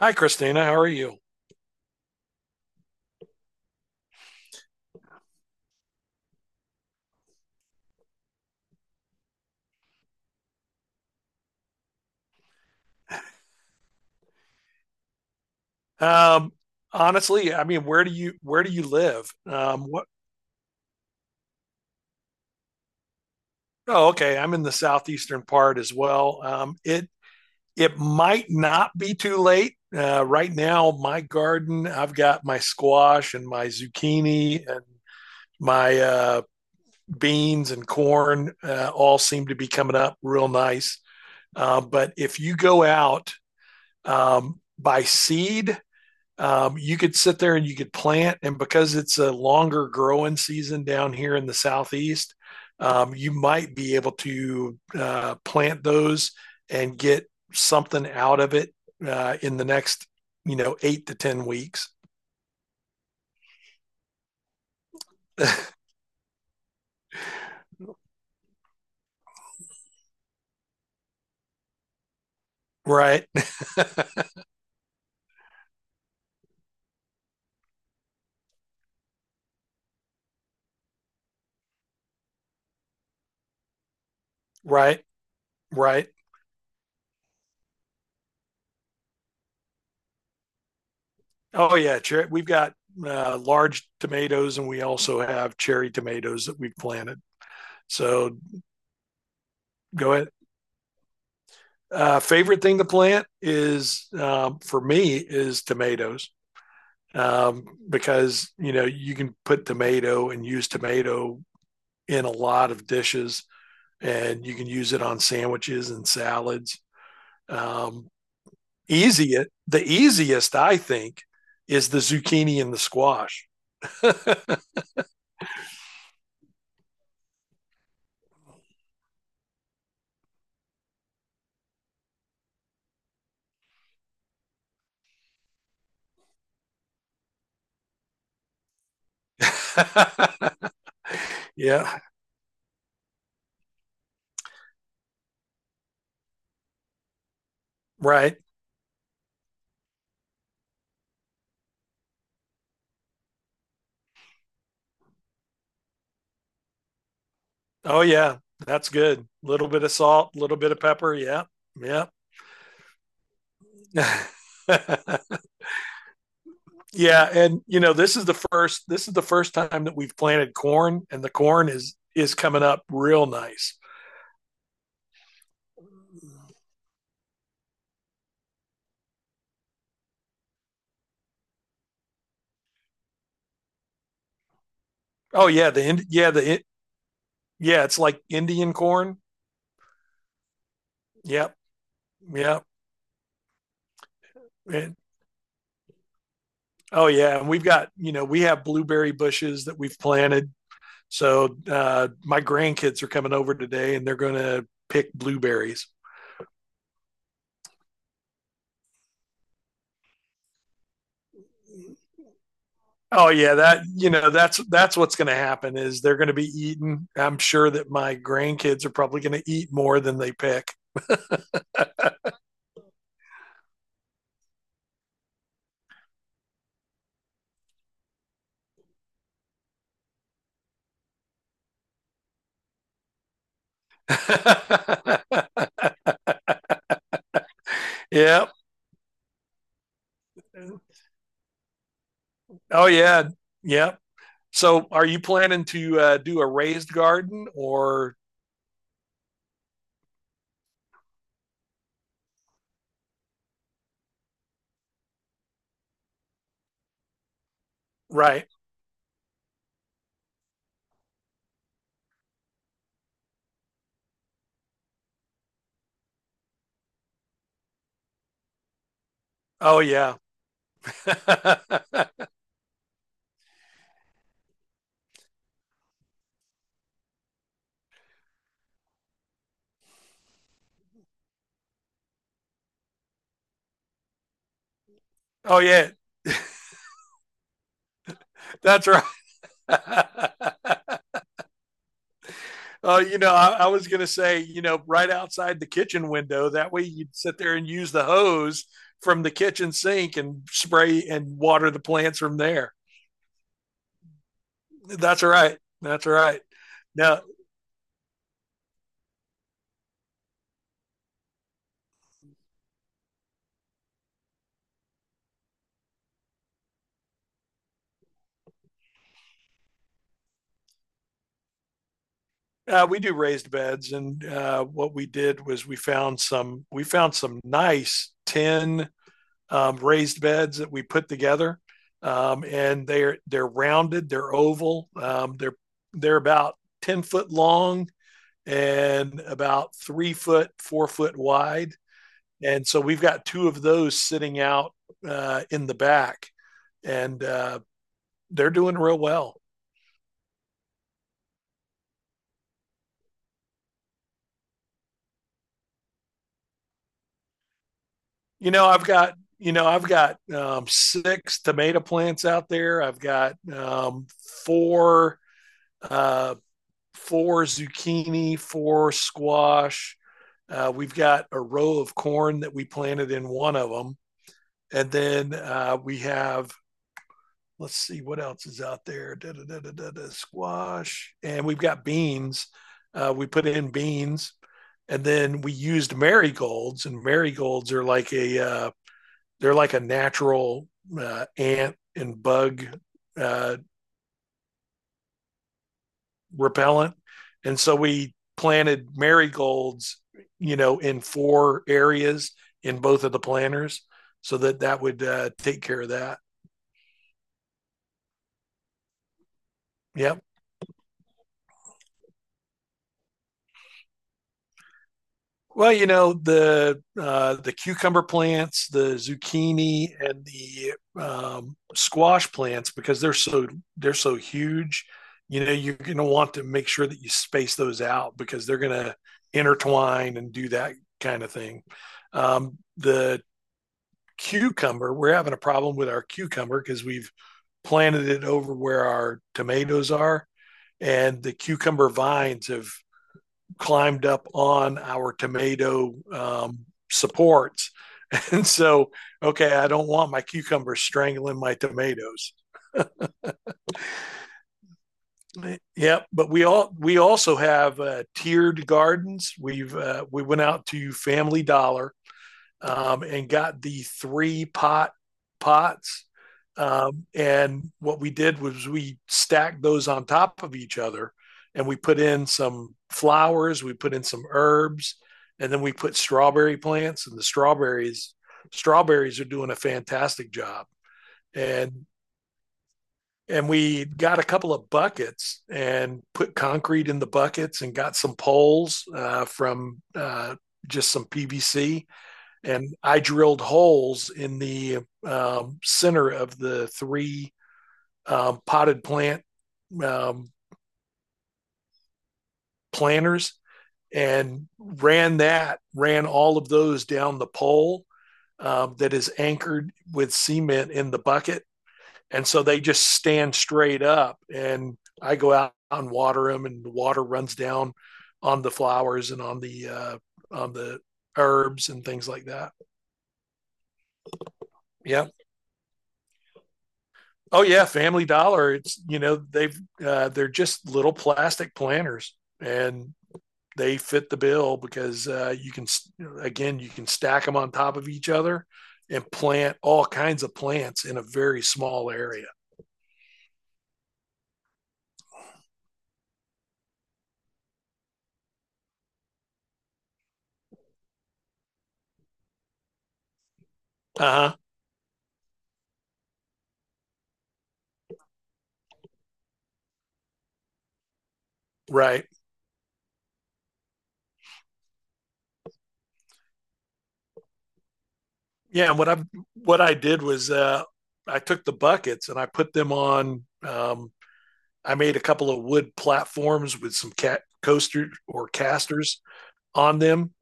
Hi, Christina. How are you? Um, honestly, where do you live? What? Oh, okay. I'm in the southeastern part as well. It might not be too late. Right now, my garden, I've got my squash and my zucchini and my beans and corn all seem to be coming up real nice. But if you go out by seed, you could sit there and you could plant. And because it's a longer growing season down here in the southeast, you might be able to plant those and get something out of it in the next eight to 10 weeks. right. right, right. Oh, yeah. Cher- we've got large tomatoes and we also have cherry tomatoes that we've planted. So go ahead. Favorite thing to plant is for me is tomatoes because you know you can put tomato and use tomato in a lot of dishes and you can use it on sandwiches and salads. Um, easy the easiest I think is the zucchini and the squash. yeah, right. Oh yeah, that's good. A little bit of salt, a little bit of pepper. Yeah, yeah. Yeah, and you know this is the first time that we've planted corn, and the corn is coming up real nice. Oh yeah, the yeah the yeah it's like Indian corn. Yep, yep. And, oh yeah, and we've got you know we have blueberry bushes that we've planted. So my grandkids are coming over today, and they're going to pick blueberries. Oh yeah, that you know that's what's going to happen is they're going to be eating. I'm sure that my grandkids are probably going to eat more than they pick. Yeah. Oh yeah. Yeah. So are you planning to do a raised garden or right? Oh yeah. oh yeah. That's right. Oh, you know, I was going to say, you know, right outside the kitchen window. That way you'd sit there and use the hose from the kitchen sink and spray and water the plants from there. That's right. That's right. Now, we do raised beds, and what we did was we found some nice tin raised beds that we put together, and they're rounded, they're oval, they're about 10 foot long and about 3 foot, 4 foot wide, and so we've got two of those sitting out in the back, and they're doing real well. You know, I've got you know I've got six tomato plants out there. I've got four uh, four zucchini, four squash. We've got a row of corn that we planted in one of them, and then we have let's see what else is out there. Da, da, da, da, da, da, squash, and we've got beans. We put in beans, and then we used marigolds, and marigolds are like a they're like a natural ant and bug uh, repellent. And so we planted marigolds, you know, in four areas in both of the planters so that that would take care of that. Yep. Well, you know the cucumber plants, the zucchini, and the squash plants because they're so huge. You know, you're going to want to make sure that you space those out because they're going to intertwine and do that kind of thing. The cucumber, we're having a problem with our cucumber because we've planted it over where our tomatoes are, and the cucumber vines have climbed up on our tomato supports. And so, okay, I don't want my cucumbers strangling my tomatoes. Yep, but we also have tiered gardens. We went out to Family Dollar and got the three pot pots. And what we did was we stacked those on top of each other and we put in some flowers, we put in some herbs, and then we put strawberry plants and the strawberries are doing a fantastic job. And and we got a couple of buckets and put concrete in the buckets and got some poles from just some PVC and I drilled holes in the center of the three potted plant um, planters and ran that, ran all of those down the pole that is anchored with cement in the bucket. And so they just stand straight up, and I go out and water them, and the water runs down on the flowers and on the on the herbs and things like that. Yeah. Oh yeah, Family Dollar. It's you know they've they're just little plastic planters, and they fit the bill because you can again you can stack them on top of each other and plant all kinds of plants in a very small area. Uh huh. Right. Yeah. And what I did was I took the buckets and I put them on. I made a couple of wood platforms with some cat coasters or casters on them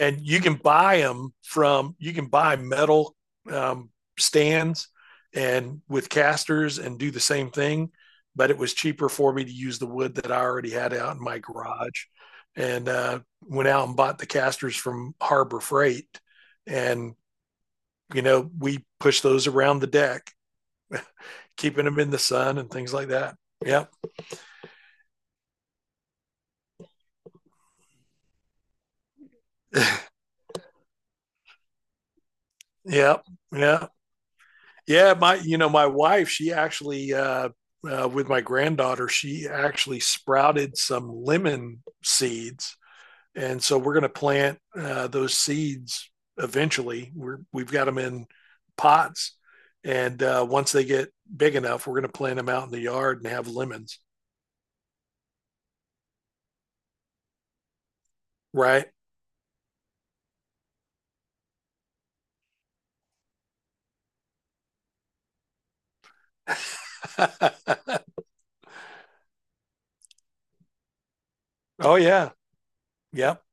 and you can buy metal um, stands and with casters and do the same thing but it was cheaper for me to use the wood that I already had out in my garage and went out and bought the casters from Harbor Freight and you know we push those around the deck keeping them in the sun and things like that. Yep. Yep. Yeah. Yeah, my you know my wife, she actually with my granddaughter, she actually sprouted some lemon seeds, and so we're going to plant those seeds eventually. We've got them in pots, and once they get big enough, we're going to plant them out in the yard and have lemons. Right? oh yeah, yep.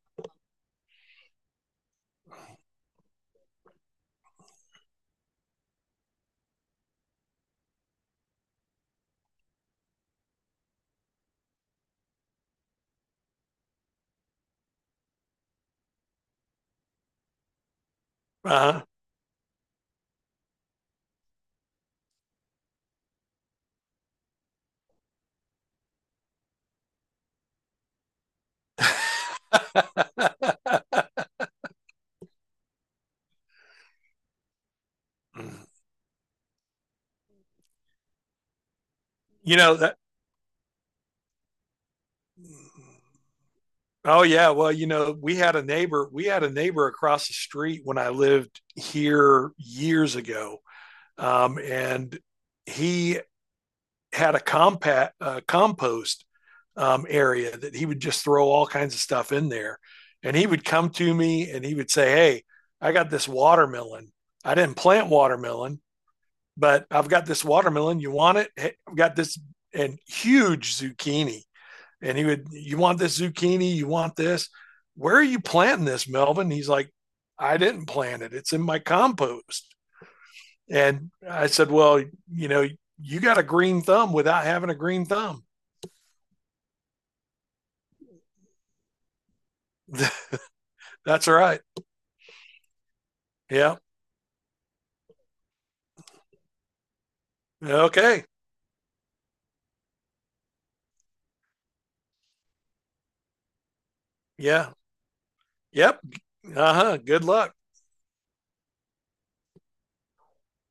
Uh-huh. you know that Oh yeah, well, you know, we had a neighbor. We had a neighbor across the street when I lived here years ago, and he had a compact compost area that he would just throw all kinds of stuff in there. And he would come to me and he would say, "Hey, I got this watermelon. I didn't plant watermelon, but I've got this watermelon. You want it? Hey, I've got this and huge zucchini." And he would, you want this zucchini? You want this? Where are you planting this, Melvin? He's like, I didn't plant it. It's in my compost. And I said, well, you know, you got a green thumb without having a green thumb. That's right. Yeah. Okay. Yeah. Yep. Uh huh. Good luck.